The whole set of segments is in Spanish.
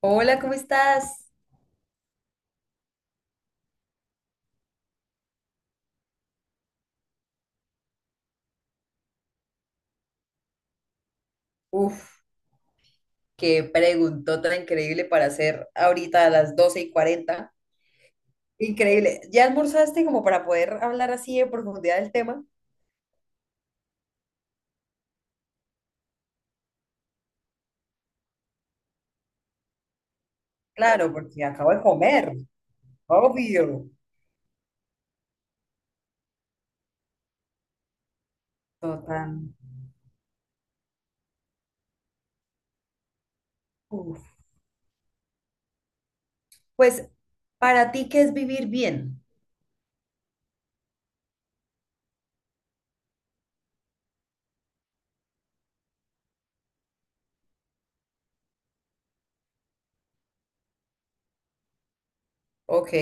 Hola, ¿cómo estás? Uf, qué preguntó tan increíble para hacer ahorita a las 12:40. Increíble. ¿Ya almorzaste como para poder hablar así en profundidad del tema? Claro, porque acabo de comer. Obvio. Total. Uf. Pues, ¿para ti qué es vivir bien? Ok.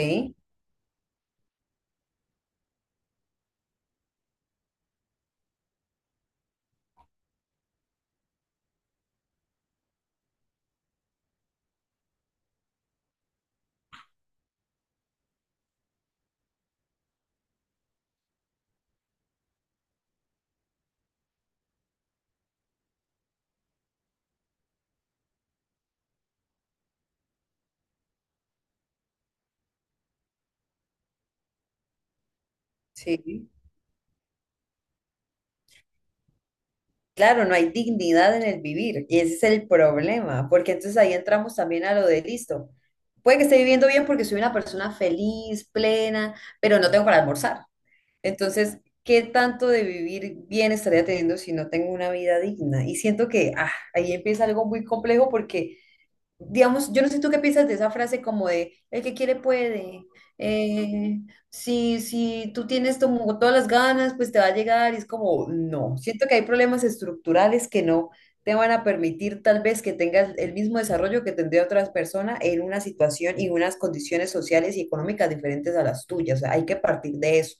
Sí, claro, no hay dignidad en el vivir y ese es el problema, porque entonces ahí entramos también a lo de listo. Puede que esté viviendo bien porque soy una persona feliz, plena, pero no tengo para almorzar. Entonces, ¿qué tanto de vivir bien estaría teniendo si no tengo una vida digna? Y siento que ahí empieza algo muy complejo porque, digamos, yo no sé tú qué piensas de esa frase como de el que quiere puede. Eh, si tú tienes como todas las ganas, pues te va a llegar. Y es como, no, siento que hay problemas estructurales que no te van a permitir tal vez que tengas el mismo desarrollo que tendría otras personas en una situación y unas condiciones sociales y económicas diferentes a las tuyas. O sea, hay que partir de eso.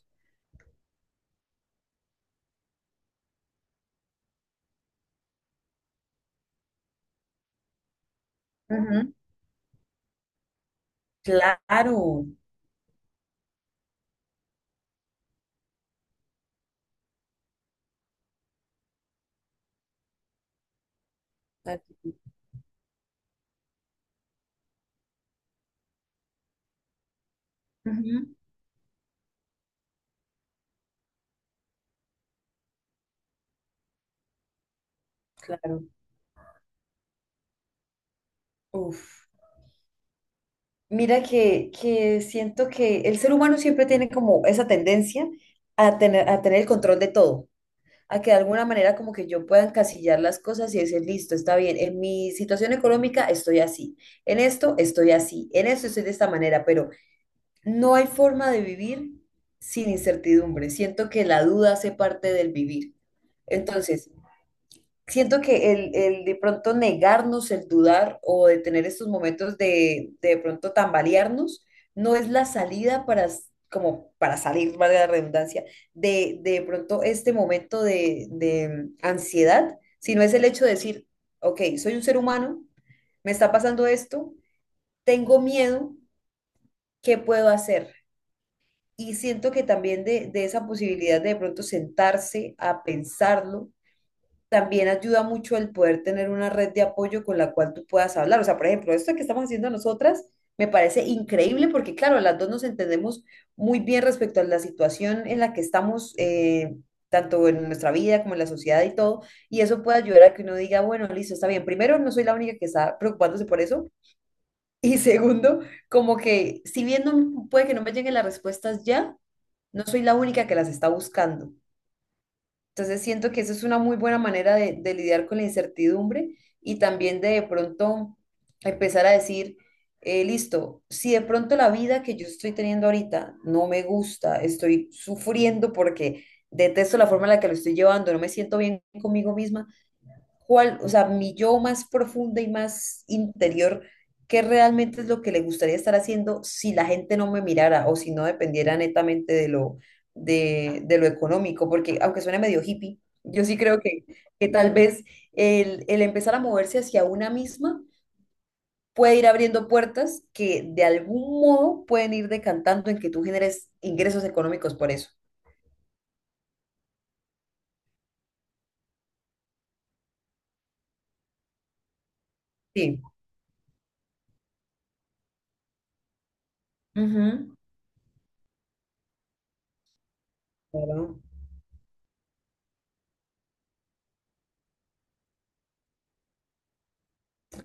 Ujú. Claro. Ujú. Claro. Uf. Mira que siento que el ser humano siempre tiene como esa tendencia a tener el control de todo, a que de alguna manera como que yo pueda encasillar las cosas y decir, listo, está bien, en mi situación económica estoy así, en esto estoy así, en esto estoy de esta manera, pero no hay forma de vivir sin incertidumbre. Siento que la duda hace parte del vivir. Entonces, siento que el de pronto negarnos, el dudar o de tener estos momentos de, pronto tambalearnos, no es la salida para, como para salir, valga la redundancia, de pronto este momento de ansiedad, sino es el hecho de decir, ok, soy un ser humano, me está pasando esto, tengo miedo, ¿qué puedo hacer? Y siento que también de esa posibilidad de pronto sentarse a pensarlo también ayuda mucho el poder tener una red de apoyo con la cual tú puedas hablar. O sea, por ejemplo, esto que estamos haciendo nosotras me parece increíble porque, claro, las dos nos entendemos muy bien respecto a la situación en la que estamos, tanto en nuestra vida como en la sociedad y todo. Y eso puede ayudar a que uno diga, bueno, listo, está bien. Primero, no soy la única que está preocupándose por eso. Y segundo, como que si bien puede que no me lleguen las respuestas ya, no soy la única que las está buscando. Entonces siento que eso es una muy buena manera de lidiar con la incertidumbre y también de pronto empezar a decir, listo, si de pronto la vida que yo estoy teniendo ahorita no me gusta, estoy sufriendo porque detesto la forma en la que lo estoy llevando, no me siento bien conmigo misma, cuál, o sea, mi yo más profunda y más interior, qué realmente es lo que le gustaría estar haciendo si la gente no me mirara o si no dependiera netamente de lo económico, porque aunque suene medio hippie, yo sí creo que tal vez el empezar a moverse hacia una misma puede ir abriendo puertas que de algún modo pueden ir decantando en que tú generes ingresos económicos por eso. Sí. Ujú. Claro,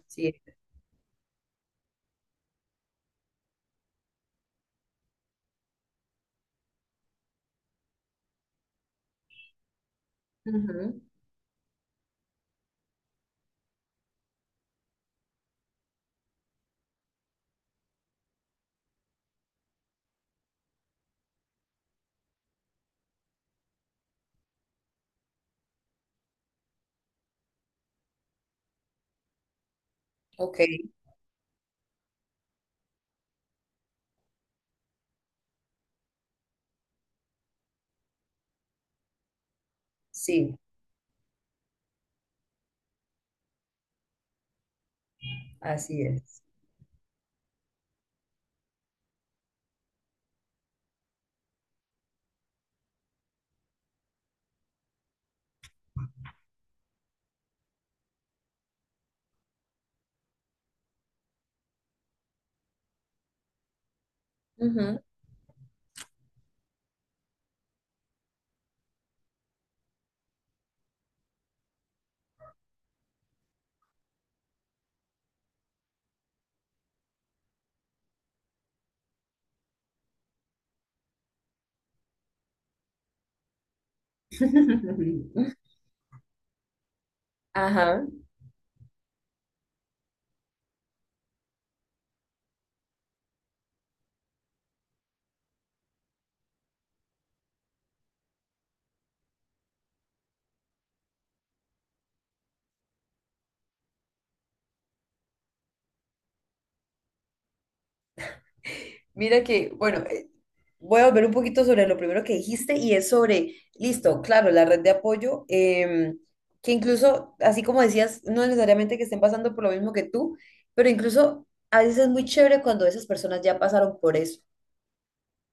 sí. Ujú. Ok, sí, así es. Ujú. Ajá. Mira que, bueno, voy a volver un poquito sobre lo primero que dijiste y es sobre, listo, claro, la red de apoyo, que incluso, así como decías, no necesariamente que estén pasando por lo mismo que tú, pero incluso a veces es muy chévere cuando esas personas ya pasaron por eso.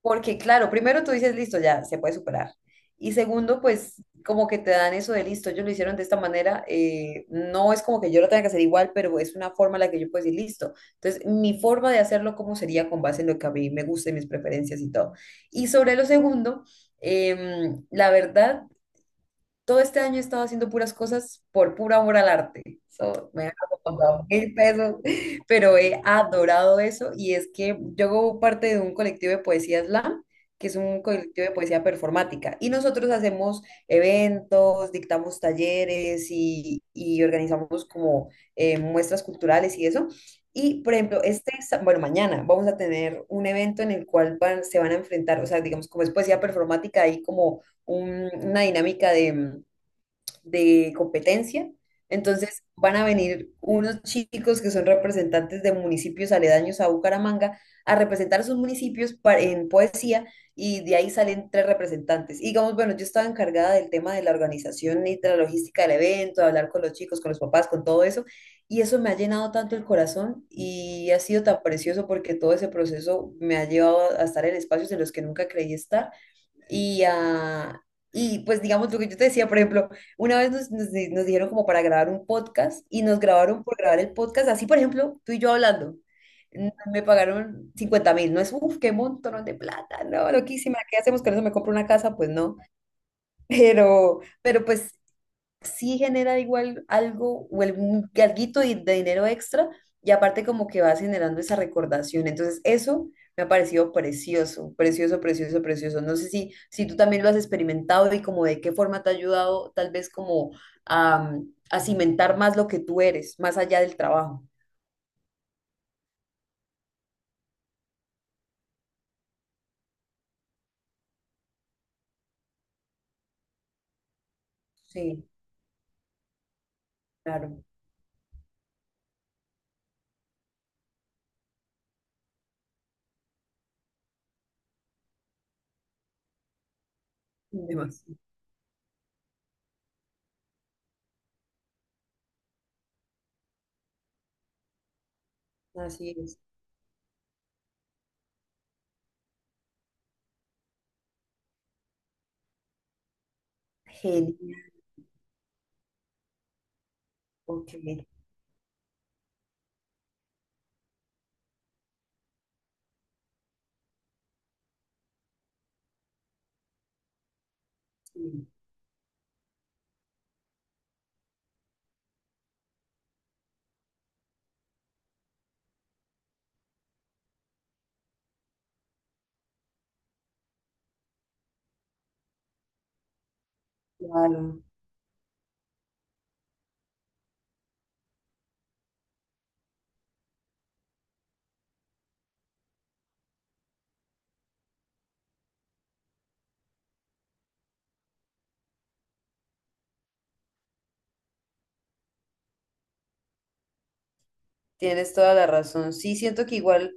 Porque, claro, primero tú dices, listo, ya se puede superar. Y segundo, pues como que te dan eso de listo, ellos lo hicieron de esta manera, no es como que yo lo tenga que hacer igual, pero es una forma en la que yo puedo decir listo. Entonces, mi forma de hacerlo, ¿cómo sería con base en lo que a mí me gusta y mis preferencias y todo? Y sobre lo segundo, la verdad, todo este año he estado haciendo puras cosas por pura amor al arte. So, me han costado 1000 pesos, pero he adorado eso y es que yo hago parte de un colectivo de poesía slam, que es un colectivo de poesía performática y nosotros hacemos eventos, dictamos talleres y organizamos como muestras culturales y eso. Y, por ejemplo, bueno, mañana vamos a tener un evento en el cual se van a enfrentar, o sea, digamos, como es poesía performática, hay como una dinámica de competencia. Entonces van a venir unos chicos que son representantes de municipios aledaños a Bucaramanga a representar a sus municipios en poesía y de ahí salen tres representantes. Y digamos, bueno, yo estaba encargada del tema de la organización y de la logística del evento, de hablar con los chicos, con los papás, con todo eso. Y eso me ha llenado tanto el corazón y ha sido tan precioso porque todo ese proceso me ha llevado a estar en espacios en los que nunca creí estar y, y pues digamos lo que yo te decía, por ejemplo, una vez nos dijeron como para grabar un podcast y nos grabaron por grabar el podcast, así por ejemplo, tú y yo hablando. Me pagaron 50 000, no es, uff, qué montón de plata, no, loquísima, ¿qué hacemos con eso? ¿Me compro una casa? Pues no, pero pues sí genera igual algo o algún alguito de dinero extra y aparte como que vas generando esa recordación. Entonces eso me ha parecido precioso, precioso, precioso, precioso. No sé si, si tú también lo has experimentado y como de qué forma te ha ayudado tal vez como a, a cimentar más lo que tú eres, más allá del trabajo. Sí, claro. Demasiado. Así es. Genial. Ok, sí, claro. Tienes toda la razón. Sí, siento que igual,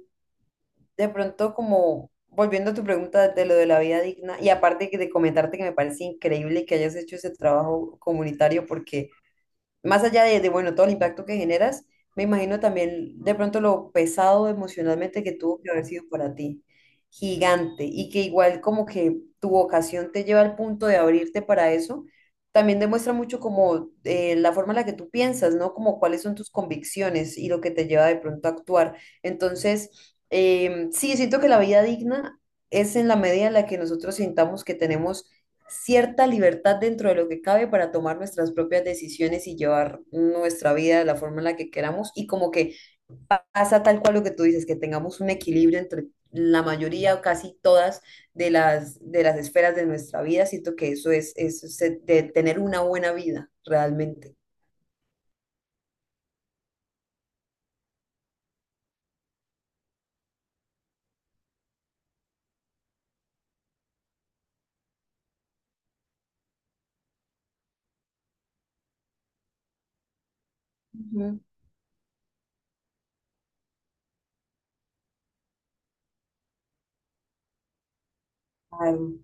de pronto como volviendo a tu pregunta de lo de la vida digna, y aparte que de comentarte que me parece increíble que hayas hecho ese trabajo comunitario porque más allá de, bueno, todo el impacto que generas, me imagino también de pronto lo pesado emocionalmente que tuvo que haber sido para ti, gigante, y que igual como que tu vocación te lleva al punto de abrirte para eso, también demuestra mucho como la forma en la que tú piensas, ¿no? Como cuáles son tus convicciones y lo que te lleva de pronto a actuar. Entonces, sí, siento que la vida digna es en la medida en la que nosotros sintamos que tenemos cierta libertad dentro de lo que cabe para tomar nuestras propias decisiones y llevar nuestra vida de la forma en la que queramos y como que pasa tal cual lo que tú dices, que tengamos un equilibrio entre la mayoría o casi todas de las esferas de nuestra vida. Siento que eso es, de tener una buena vida realmente. Ujú. Ay,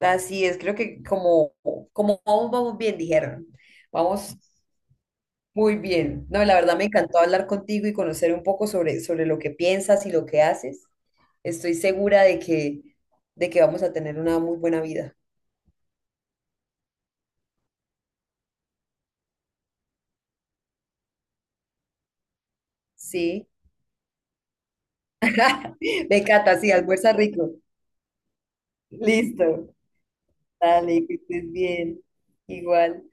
así es, creo que como, como vamos, vamos bien, dijeron. Vamos. Muy bien. No, la verdad me encantó hablar contigo y conocer un poco sobre, sobre lo que piensas y lo que haces. Estoy segura de que vamos a tener una muy buena vida. Sí. Me encanta, sí, almuerza rico. Listo. Dale, que estés bien. Igual.